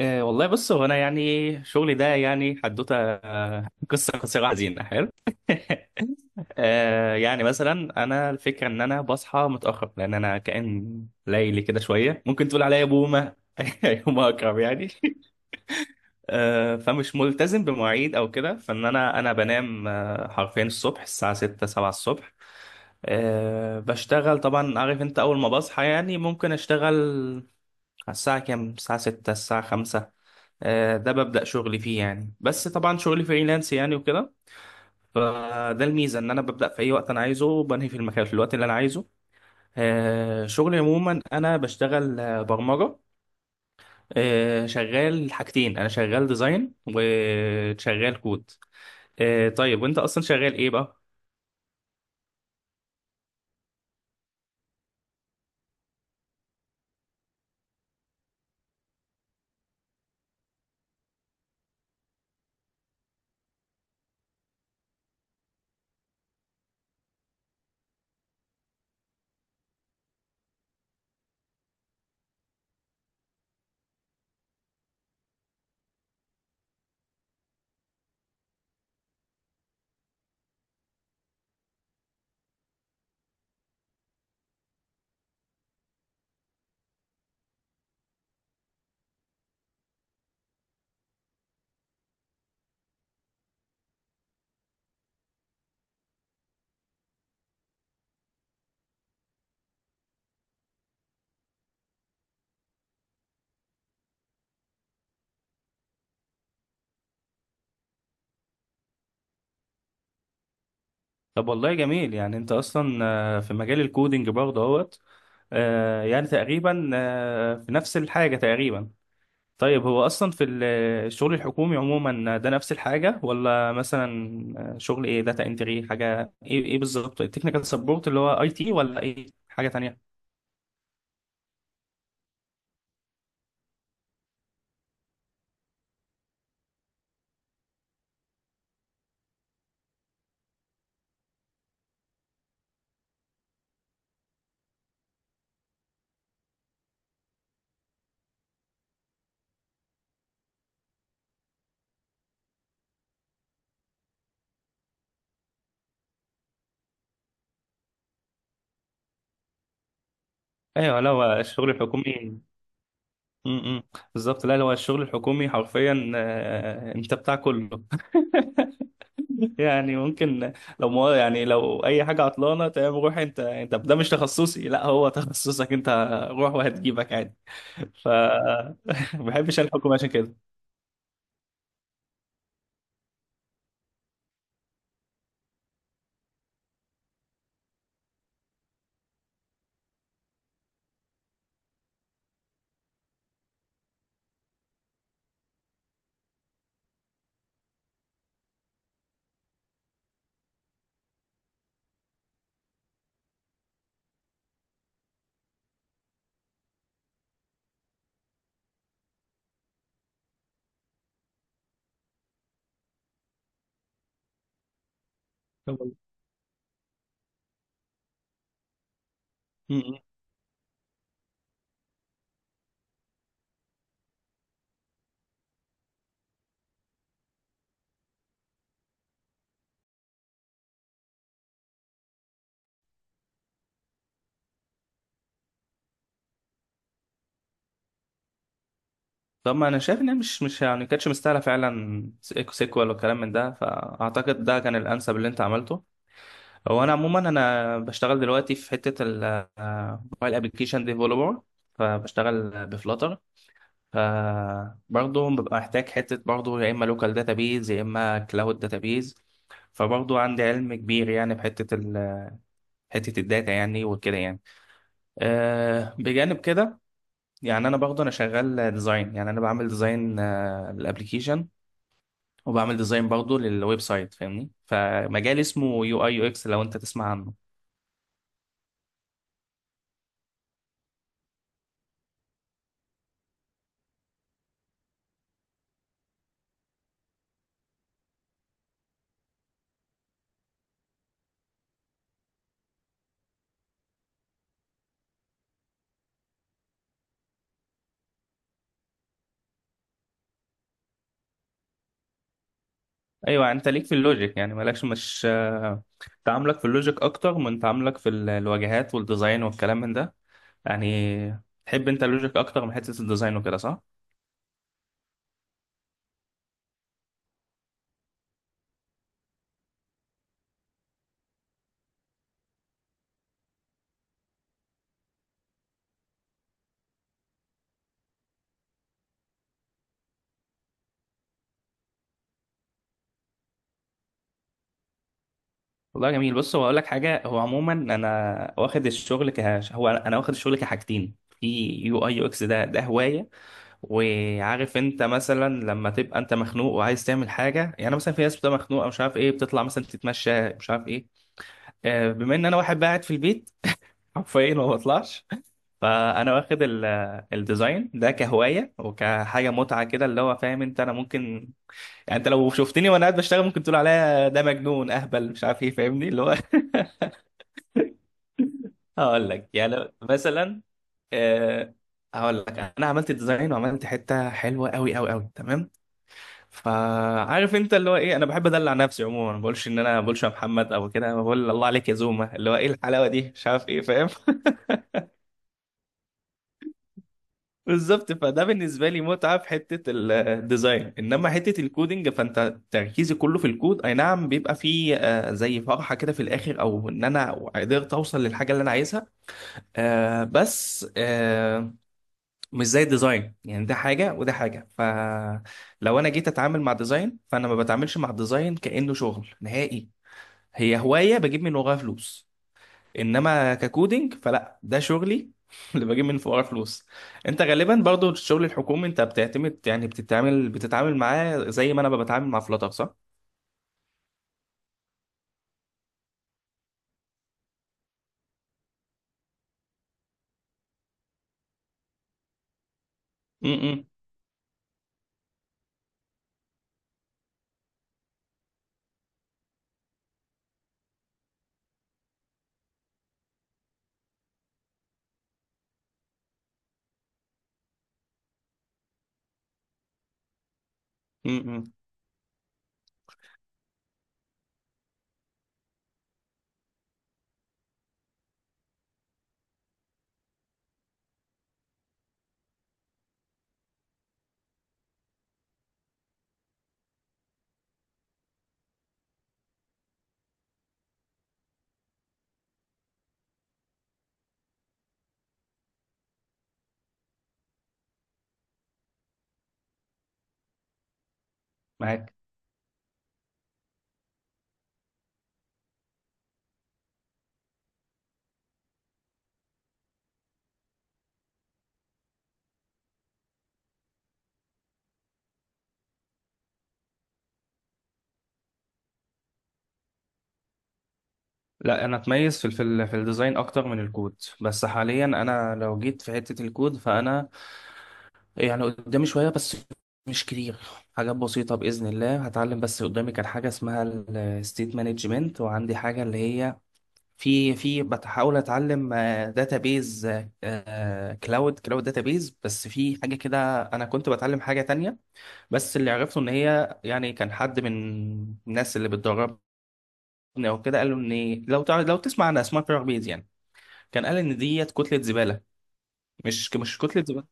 والله بص هو انا يعني شغلي ده يعني حدوته قصه قصيره حزينه حلو. يعني مثلا انا الفكره ان انا بصحى متاخر لان انا كائن ليلي كده شويه ممكن تقول عليا بومه. يوم اكرم يعني. فمش ملتزم بمواعيد او كده فان انا بنام حرفيا الصبح الساعه 6 7 الصبح. بشتغل طبعا عارف انت اول ما بصحى يعني ممكن اشتغل على الساعه كام، الساعه 6 الساعه 5. ده ببدأ شغلي فيه يعني، بس طبعا شغلي فريلانس يعني وكده. فده الميزة ان انا ببدأ في اي وقت انا عايزه وبنهي في المكان في الوقت اللي انا عايزه. شغلي عموما انا بشتغل برمجة. شغال حاجتين، انا شغال ديزاين وشغال كود. طيب وانت اصلا شغال ايه بقى؟ طب والله جميل يعني انت اصلا في مجال الكودينج برضه اهوت. يعني تقريبا في نفس الحاجة تقريبا. طيب هو اصلا في الشغل الحكومي عموما ده نفس الحاجه، ولا مثلا شغل ايه، داتا انتري، حاجه ايه، ايه بالظبط التكنيكال سبورت اللي هو اي تي ولا ايه حاجه تانية؟ ايوه، لا هو الشغل الحكومي. امم بالظبط. لا لا، هو الشغل الحكومي حرفيا انت بتاع كله. يعني ممكن لو ما يعني لو اي حاجه عطلانه تمام، روح انت، انت ده مش تخصصي، لا هو تخصصك انت، روح وهتجيبك عادي. ف ما بحبش الحكومه عشان كده. م- م. طب ما انا شايف ان هي مش يعني كانتش مستاهله فعلا سيكو سيكوال والكلام من ده، فاعتقد ده كان الانسب اللي انت عملته. هو انا عموما انا بشتغل دلوقتي في حته الموبايل ابلكيشن ديفلوبر، فبشتغل بفلاتر. فبرضه ببقى محتاج حته برضه يا اما لوكال داتابيز يا اما كلاود داتابيز. فبرضه عندي علم كبير يعني بحته حته الداتا يعني وكده يعني. أه بجانب كده يعني، انا برضه انا شغال ديزاين، يعني انا بعمل ديزاين الابلكيشن وبعمل ديزاين برضه للويب سايت. فاهمني؟ فمجال اسمه يو اي يو اكس لو انت تسمع عنه. ايوه انت ليك في اللوجيك، يعني مالكش، مش تعاملك في اللوجيك اكتر من تعاملك في الواجهات والديزاين والكلام من ده. يعني تحب انت اللوجيك اكتر من حته الديزاين وكده، صح؟ والله جميل. بص هو اقول لك حاجه، هو عموما انا واخد الشغل ك، هو انا واخد الشغل كحاجتين. في يو اي يو اكس، ده ده هوايه. وعارف انت مثلا لما تبقى انت مخنوق وعايز تعمل حاجه، يعني مثلا في ناس بتبقى مخنوقه مش عارف ايه بتطلع مثلا تتمشى مش عارف ايه. بما ان انا واحد قاعد في البيت حرفيا ما بطلعش، فانا واخد الديزاين ده كهوايه وكحاجه متعه كده، اللي هو فاهم انت انا ممكن، يعني انت لو شفتني وانا قاعد بشتغل ممكن تقول عليا ده مجنون اهبل مش عارف ايه، فاهمني؟ اللي هو هقول لك يعني مثلا آه، هقول لك، انا عملت ديزاين وعملت حته حلوه قوي قوي قوي تمام. فعارف انت اللي هو ايه، انا بحب ادلع نفسي عموما، ما بقولش ان انا ما بقولش يا محمد او كده، أنا بقول الله عليك يا زوما، اللي هو ايه الحلاوه دي مش عارف ايه، فاهم؟ بالظبط. فده بالنسبه لي متعه في حته الديزاين، انما حته الكودينج فانت تركيزي كله في الكود، اي نعم بيبقى فيه زي فرحه كده في الاخر او ان انا قدرت اوصل للحاجه اللي انا عايزها، آه، بس آه، مش زي الديزاين، يعني ده حاجه وده حاجه. ف لو انا جيت اتعامل مع ديزاين فانا ما بتعاملش مع الديزاين كانه شغل نهائي، هي هواية بجيب من وراها فلوس، انما ككودينج فلا، ده شغلي اللي بجيب من وراها فلوس. انت غالبا برضو الشغل الحكومي انت بتعتمد يعني بتتعامل معاه زي ما انا بتعامل مع فلاتر، صح؟ امم امم معاك. لا انا اتميز في في الديزاين اكتر من الكود، بس حاليا انا لو جيت في حتة الكود فانا يعني قدامي شوية بس، مش كتير، حاجات بسيطة بإذن الله هتعلم، بس قدامي كان حاجة اسمها الستيت مانجمنت، وعندي حاجة اللي هي في بحاول اتعلم داتابيز، كلاود داتابيز، بس في حاجه كده انا كنت بتعلم حاجه تانية. بس اللي عرفته ان هي يعني كان حد من الناس اللي بتدربني او كده قالوا ان لو تعرف، لو تسمع عن اسمها بيز يعني، كان قال ان ديت كتله زباله. مش كتله زباله.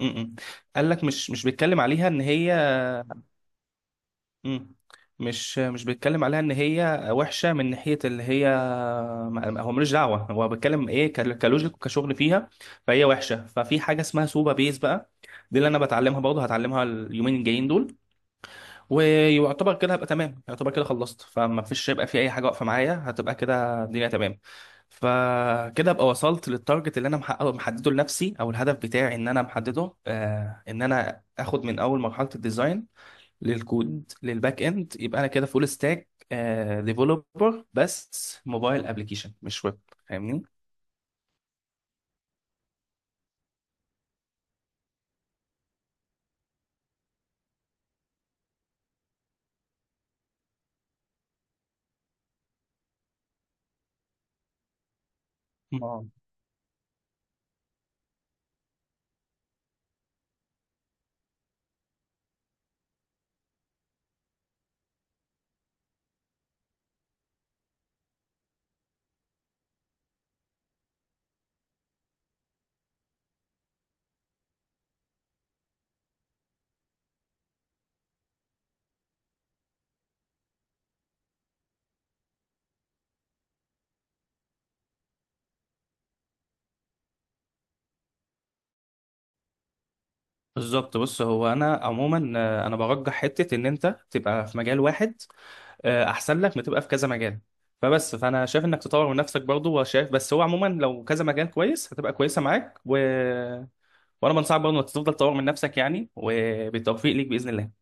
م -م. قال لك مش بيتكلم عليها ان هي، مم. مش بيتكلم عليها ان هي وحشه من ناحيه اللي هي، ما- هو ملوش دعوه، هو بيتكلم ايه، ك- كلوجيك وكشغل فيها، فهي وحشه. ففي حاجه اسمها سوبا بيز بقى، دي اللي انا بتعلمها برضه، هتعلمها اليومين الجايين دول. ويعتبر كده هبقى تمام، يعتبر كده خلصت، فما فيش هيبقى في اي حاجه واقفه معايا، هتبقى كده الدنيا تمام. فكده ابقى وصلت للتارجت اللي انا محققه محدده لنفسي، او الهدف بتاعي ان انا محدده آه ان انا اخد من اول مرحله الديزاين للكود للباك اند، يبقى انا كده فول ستاك ديفلوبر، بس موبايل ابلكيشن مش ويب، فاهمني؟ اه بالظبط. بص هو انا عموما انا برجح حته ان انت تبقى في مجال واحد، احسن لك ما تبقى في كذا مجال. فبس فانا شايف انك تطور من نفسك برضه، وشايف بس هو عموما لو كذا مجال كويس هتبقى كويسه معاك، و وانا بنصحك برضه انك تفضل تطور من نفسك يعني، وبالتوفيق ليك باذن الله.